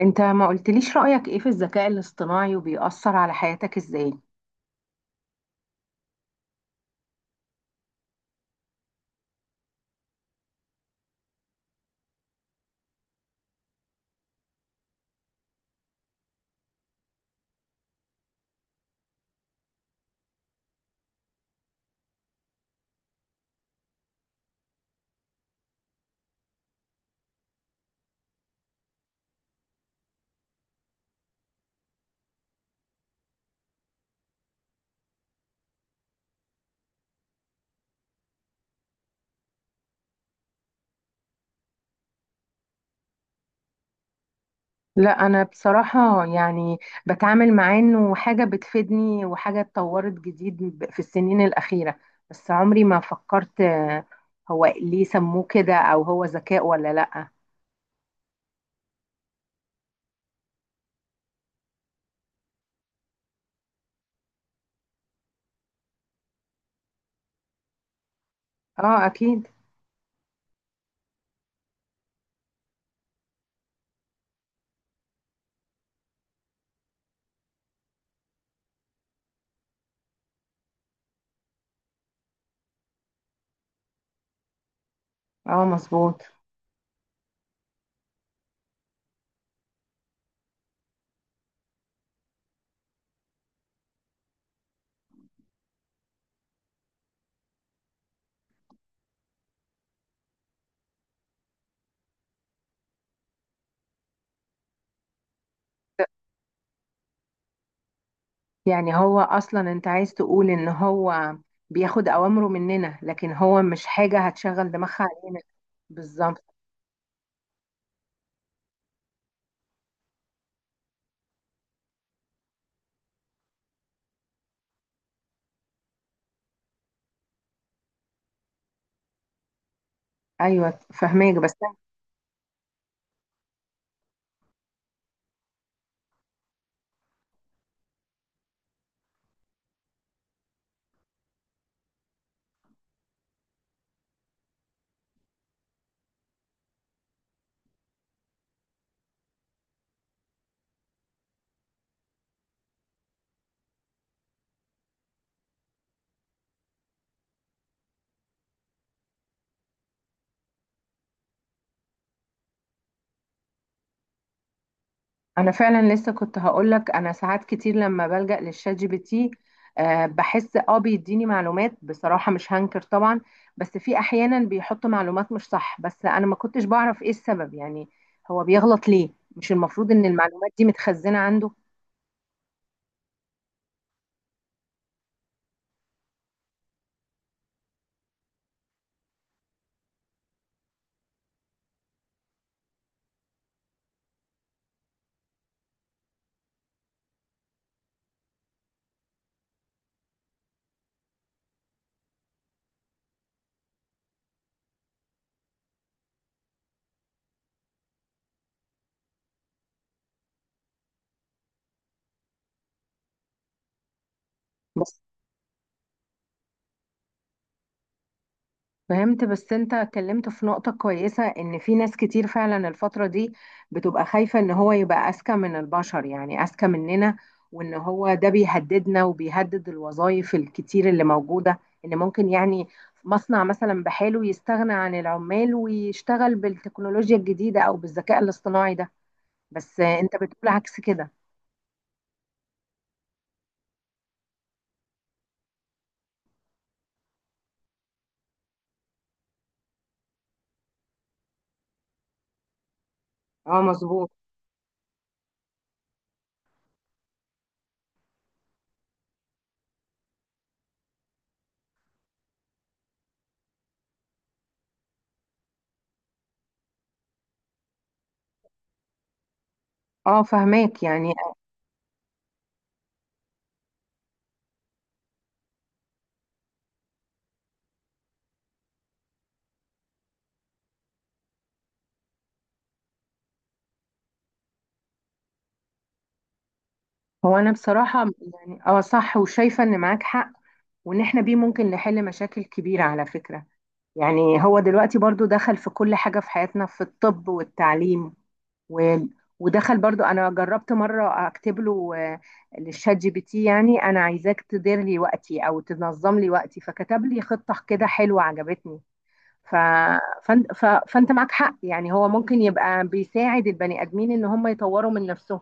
انت ما قلتليش رأيك ايه في الذكاء الاصطناعي وبيأثر على حياتك ازاي؟ لا انا بصراحة بتعامل معاه انه حاجة بتفيدني وحاجة اتطورت جديد في السنين الأخيرة. بس عمري ما فكرت هو ليه سموه كده او هو ذكاء ولا لا. اه اكيد. اه مظبوط. يعني هو اصلا انت عايز تقول ان هو بياخد اوامره مننا لكن هو مش حاجة هتشغل دماغها علينا. بالظبط. ايوه فهماك. بس انا فعلا لسه كنت هقولك انا ساعات كتير لما بلجأ للشات جي بي تي، بحس اه بيديني معلومات، بصراحة مش هنكر طبعا. بس في احيانا بيحط معلومات مش صح، بس انا ما كنتش بعرف ايه السبب، يعني هو بيغلط ليه؟ مش المفروض ان المعلومات دي متخزنة عنده؟ فهمت. بس انت اتكلمت في نقطة كويسة، ان في ناس كتير فعلا الفترة دي بتبقى خايفة ان هو يبقى اذكى من البشر، يعني اذكى مننا، وان هو ده بيهددنا وبيهدد الوظائف الكتير اللي موجودة. ان ممكن يعني مصنع مثلا بحاله يستغنى عن العمال ويشتغل بالتكنولوجيا الجديدة او بالذكاء الاصطناعي ده. بس انت بتقول عكس كده. اه مظبوط. اه فهماك يعني. هو انا بصراحة يعني اه صح، وشايفة ان معاك حق. وان احنا بيه ممكن نحل مشاكل كبيرة على فكرة. يعني هو دلوقتي برضو دخل في كل حاجة في حياتنا، في الطب والتعليم و... ودخل برضو. انا جربت مرة اكتب له، للشات جي بي تي، يعني انا عايزاك تدير لي وقتي او تنظم لي وقتي، فكتب لي خطة كده حلوة عجبتني. ف... فانت معك حق، يعني هو ممكن يبقى بيساعد البني ادمين ان هم يطوروا من نفسهم.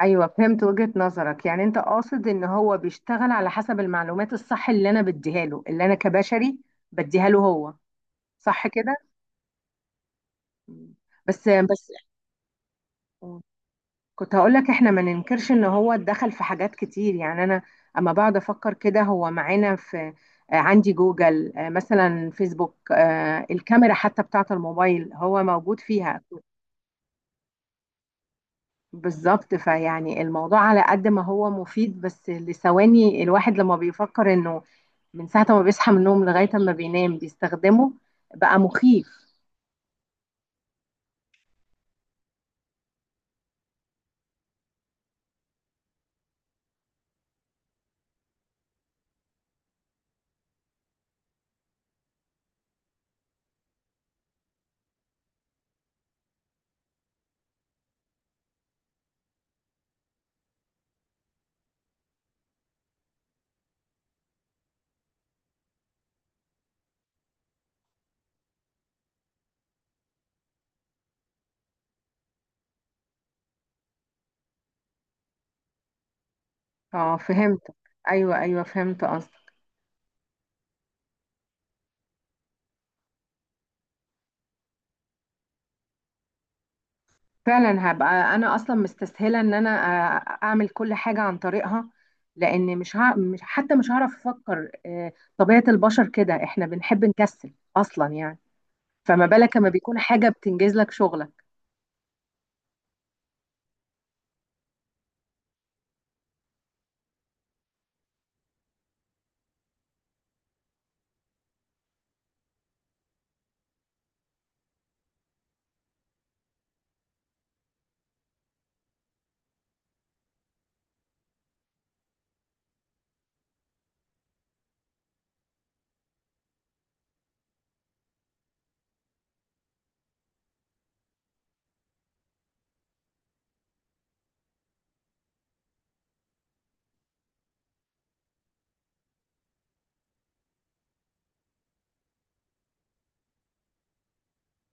ايوه فهمت وجهة نظرك، يعني انت قاصد ان هو بيشتغل على حسب المعلومات الصح اللي انا بديها له، اللي انا كبشري بديها له هو، صح كده؟ مم. بس كنت هقول لك، احنا ما ننكرش ان هو اتدخل في حاجات كتير. يعني انا اما بقعد افكر كده هو معانا في، عندي جوجل، مثلا فيسبوك، الكاميرا حتى بتاعة الموبايل هو موجود فيها. بالظبط. فيعني الموضوع على قد ما هو مفيد، بس لثواني الواحد لما بيفكر انه من ساعة ما بيصحى من النوم لغاية ما بينام بيستخدمه، بقى مخيف. اه فهمت. ايوه ايوه فهمت قصدك. فعلا هبقى انا اصلا مستسهلة ان انا اعمل كل حاجة عن طريقها، لان مش حتى مش هعرف افكر. طبيعة البشر كده، احنا بنحب نكسل اصلا يعني، فما بالك لما بيكون حاجة بتنجز لك شغلك.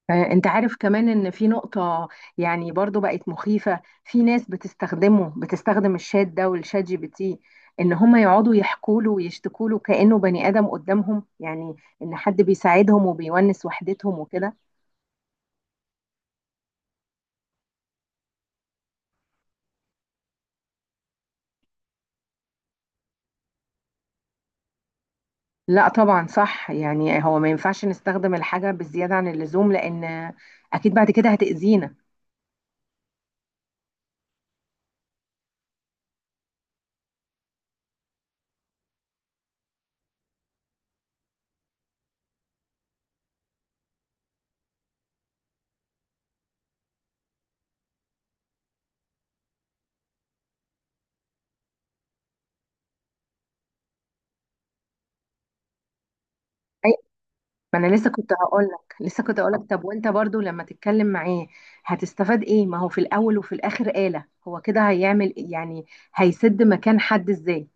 انت عارف كمان ان في نقطة يعني برضو بقت مخيفة، في ناس بتستخدمه، بتستخدم الشات ده والشات جي بي تي، ان هم يقعدوا يحكوا له ويشتكوا له كأنه بني آدم قدامهم، يعني ان حد بيساعدهم وبيونس وحدتهم وكده. لا طبعا صح، يعني هو ما ينفعش نستخدم الحاجة بالزيادة عن اللزوم، لان اكيد بعد كده هتأذينا. ما انا لسه كنت هقول لك طب وانت برضو لما تتكلم معاه هتستفاد ايه؟ ما هو في الاول وفي الاخر آلة، هو كده هيعمل إيه؟ يعني هيسد مكان حد ازاي؟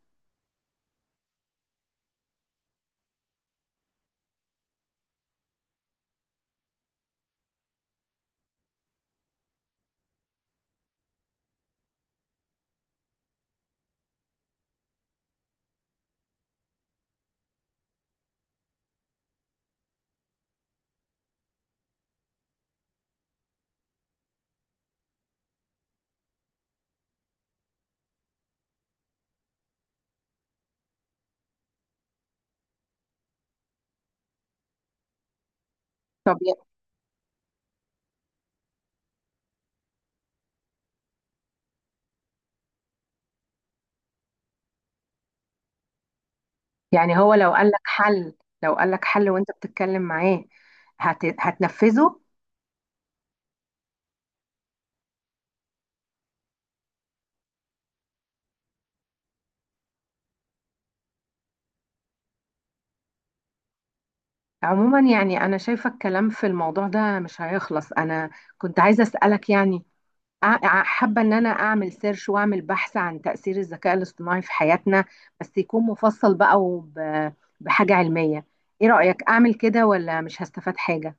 طب يعني هو لو قال لك حل، وانت بتتكلم معاه، هتنفذه؟ عموما يعني انا شايفه الكلام في الموضوع ده مش هيخلص. انا كنت عايزه اسالك يعني، حابة إن أنا أعمل سيرش وأعمل بحث عن تأثير الذكاء الاصطناعي في حياتنا، بس يكون مفصل بقى بحاجة علمية. إيه رأيك أعمل كده ولا مش هستفاد حاجة؟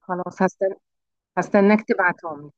خلاص هستنى. هستناك تبعتهم لي.